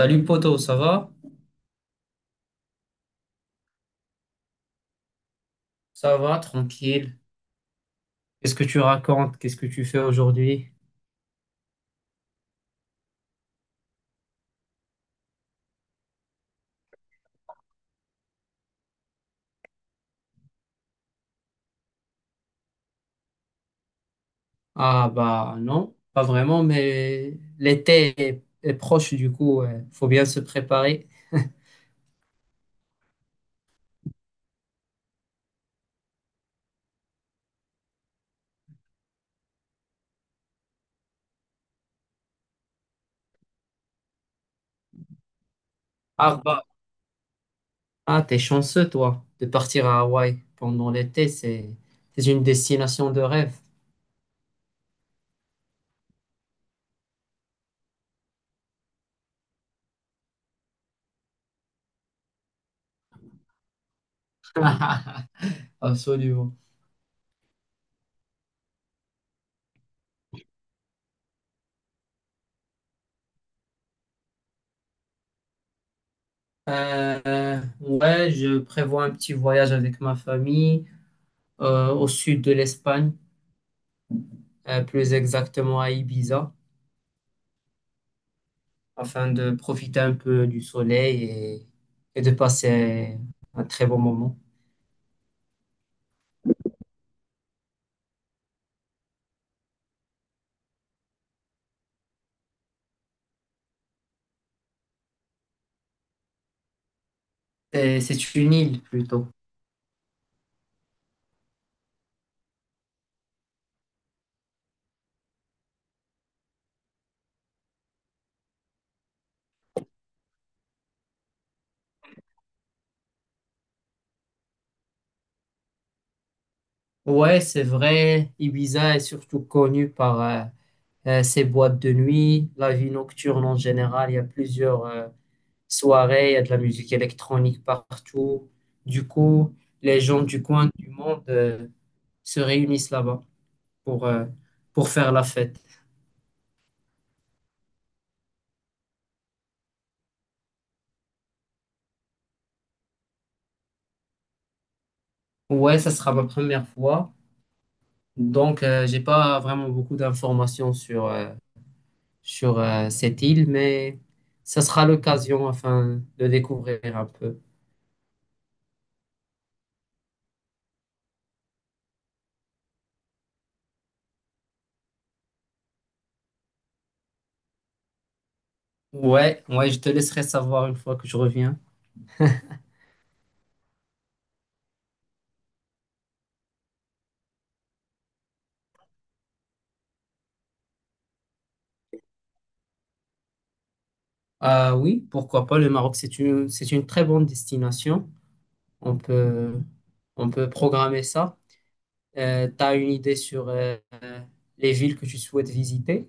Salut poto, ça va? Ça va, tranquille. Qu'est-ce que tu racontes? Qu'est-ce que tu fais aujourd'hui? Ah bah non, pas vraiment, mais l'été est proche du coup, faut bien se préparer. Ah bah, ah t'es chanceux toi de partir à Hawaï pendant l'été, c'est une destination de rêve. Absolument. Ouais, je prévois un petit voyage avec ma famille au sud de l'Espagne, plus exactement à Ibiza, afin de profiter un peu du soleil et de passer un très bon moment. C'est une île plutôt. Ouais, c'est vrai, Ibiza est surtout connue par ses boîtes de nuit, la vie nocturne en général. Il y a plusieurs soirées, il y a de la musique électronique partout. Du coup, les gens du coin du monde se réunissent là-bas pour, euh, pour faire la fête. Ouais, ça sera ma première fois. Donc, j'ai pas vraiment beaucoup d'informations sur cette île, mais ça sera l'occasion afin de découvrir un peu. Ouais, ouais, je te laisserai savoir une fois que je reviens. Ah oui, pourquoi pas, le Maroc, c'est une très bonne destination. On peut, on peut programmer ça. Tu as une idée sur les villes que tu souhaites visiter?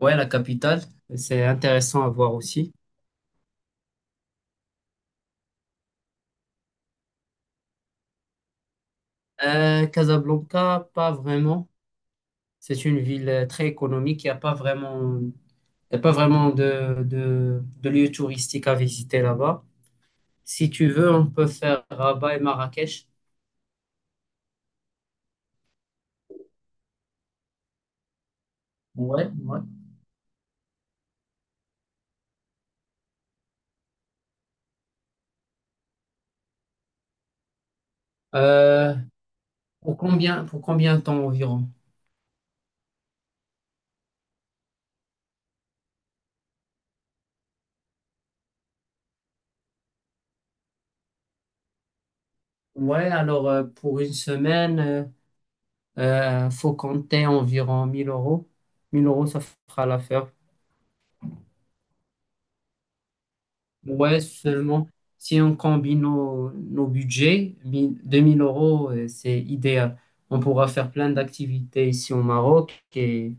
Ouais, la capitale, c'est intéressant à voir aussi. Casablanca, pas vraiment. C'est une ville très économique. Il y a pas vraiment de lieux touristiques à visiter là-bas. Si tu veux, on peut faire Rabat et Marrakech. Ouais, ouais. Euh, pour combien de temps environ? Ouais, alors pour une semaine, faut compter environ 1000 euros. 1000 euros, ça fera l'affaire. Ouais, seulement si on combine nos budgets, 1000 2000 euros, c'est idéal. On pourra faire plein d'activités ici au Maroc et,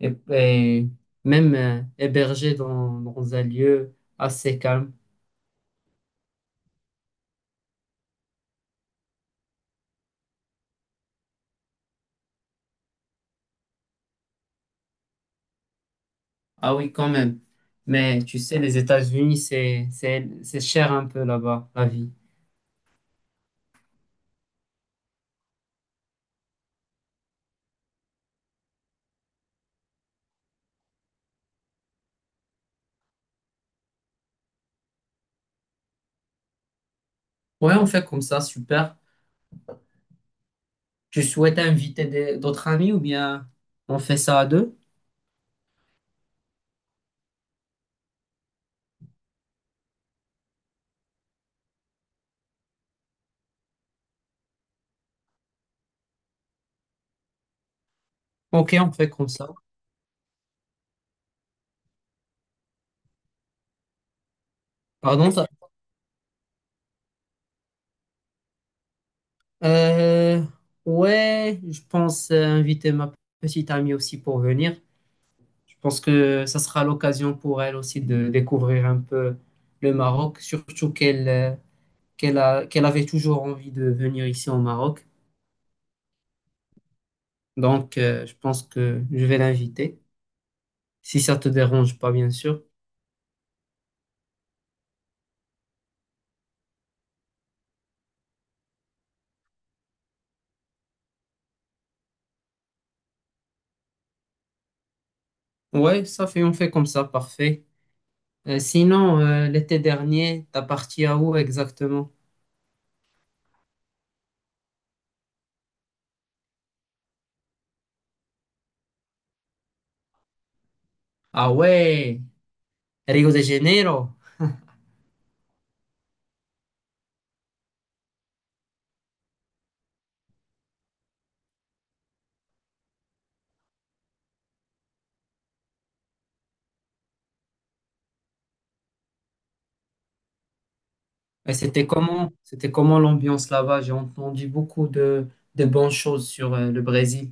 et même héberger dans un lieu assez calme. Ah oui, quand même. Mais tu sais, les États-Unis, c'est cher un peu là-bas, la vie. Ouais, on fait comme ça, super. Tu souhaites inviter d'autres amis ou bien on fait ça à deux? Ok, on fait comme ça. Pardon, ça. Euh, ouais, je pense inviter ma petite amie aussi pour venir. Je pense que ça sera l'occasion pour elle aussi de découvrir un peu le Maroc, surtout qu'elle qu'elle avait toujours envie de venir ici au Maroc. Donc, je pense que je vais l'inviter, si ça te dérange pas, bien sûr. Ouais, ça fait, on fait comme ça, parfait. Sinon, l'été dernier, t'as parti à où exactement? Ah ouais, Rio de Janeiro. C'était comment l'ambiance là-bas? J'ai entendu beaucoup de bonnes choses sur le Brésil.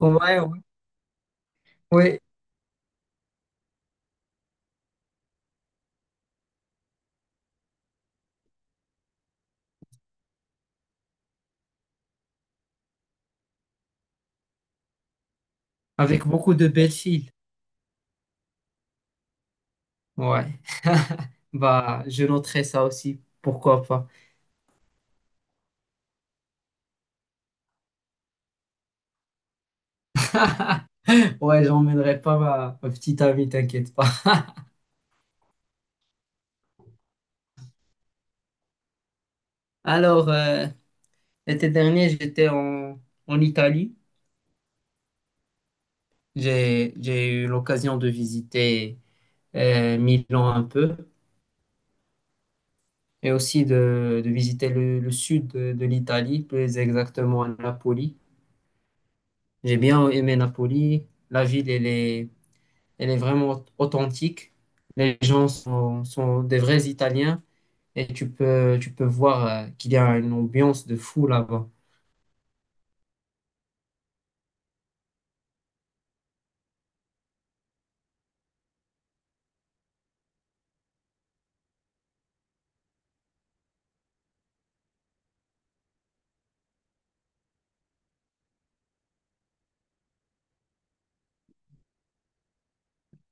Ouais, ouais, ouais. Avec beaucoup de belles filles. Ouais. Bah, je noterai ça aussi. Pourquoi pas? Ouais, j'emmènerai pas ma petite amie, t'inquiète pas. Alors, l'été dernier, en Italie. J'ai eu l'occasion de visiter Milan un peu et aussi de visiter le sud de l'Italie, plus exactement à Napoli. J'ai bien aimé Napoli. La ville, elle est vraiment authentique. Les gens sont des vrais Italiens et tu peux voir qu'il y a une ambiance de fou là-bas.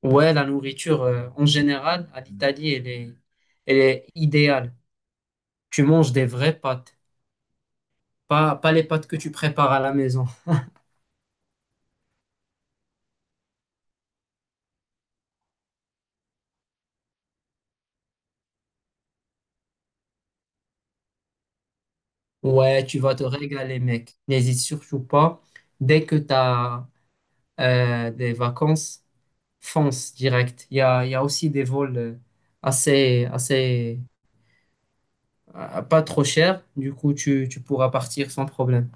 Ouais, la nourriture, en général, à l'Italie, elle est idéale. Tu manges des vraies pâtes, pas les pâtes que tu prépares à la maison. Ouais, tu vas te régaler, mec. N'hésite surtout pas. Dès que tu as des vacances, fonce direct. Il y a aussi des vols assez, pas trop chers. Du coup, tu pourras partir sans problème.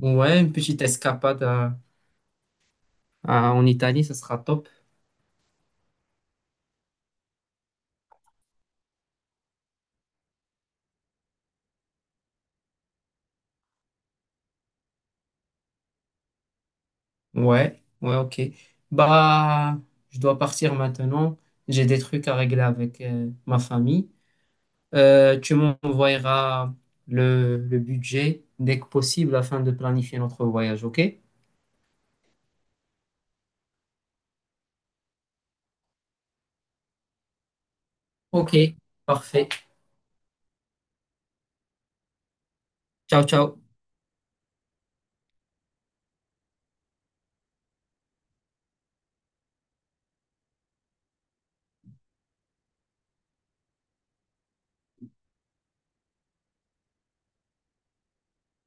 Ouais, une petite escapade en Italie, ça sera top. Ouais, ouais, ok. Bah, je dois partir maintenant. J'ai des trucs à régler avec ma famille. Tu m'envoyeras le budget dès que possible afin de planifier notre voyage, ok? Ok, parfait. Ciao, ciao.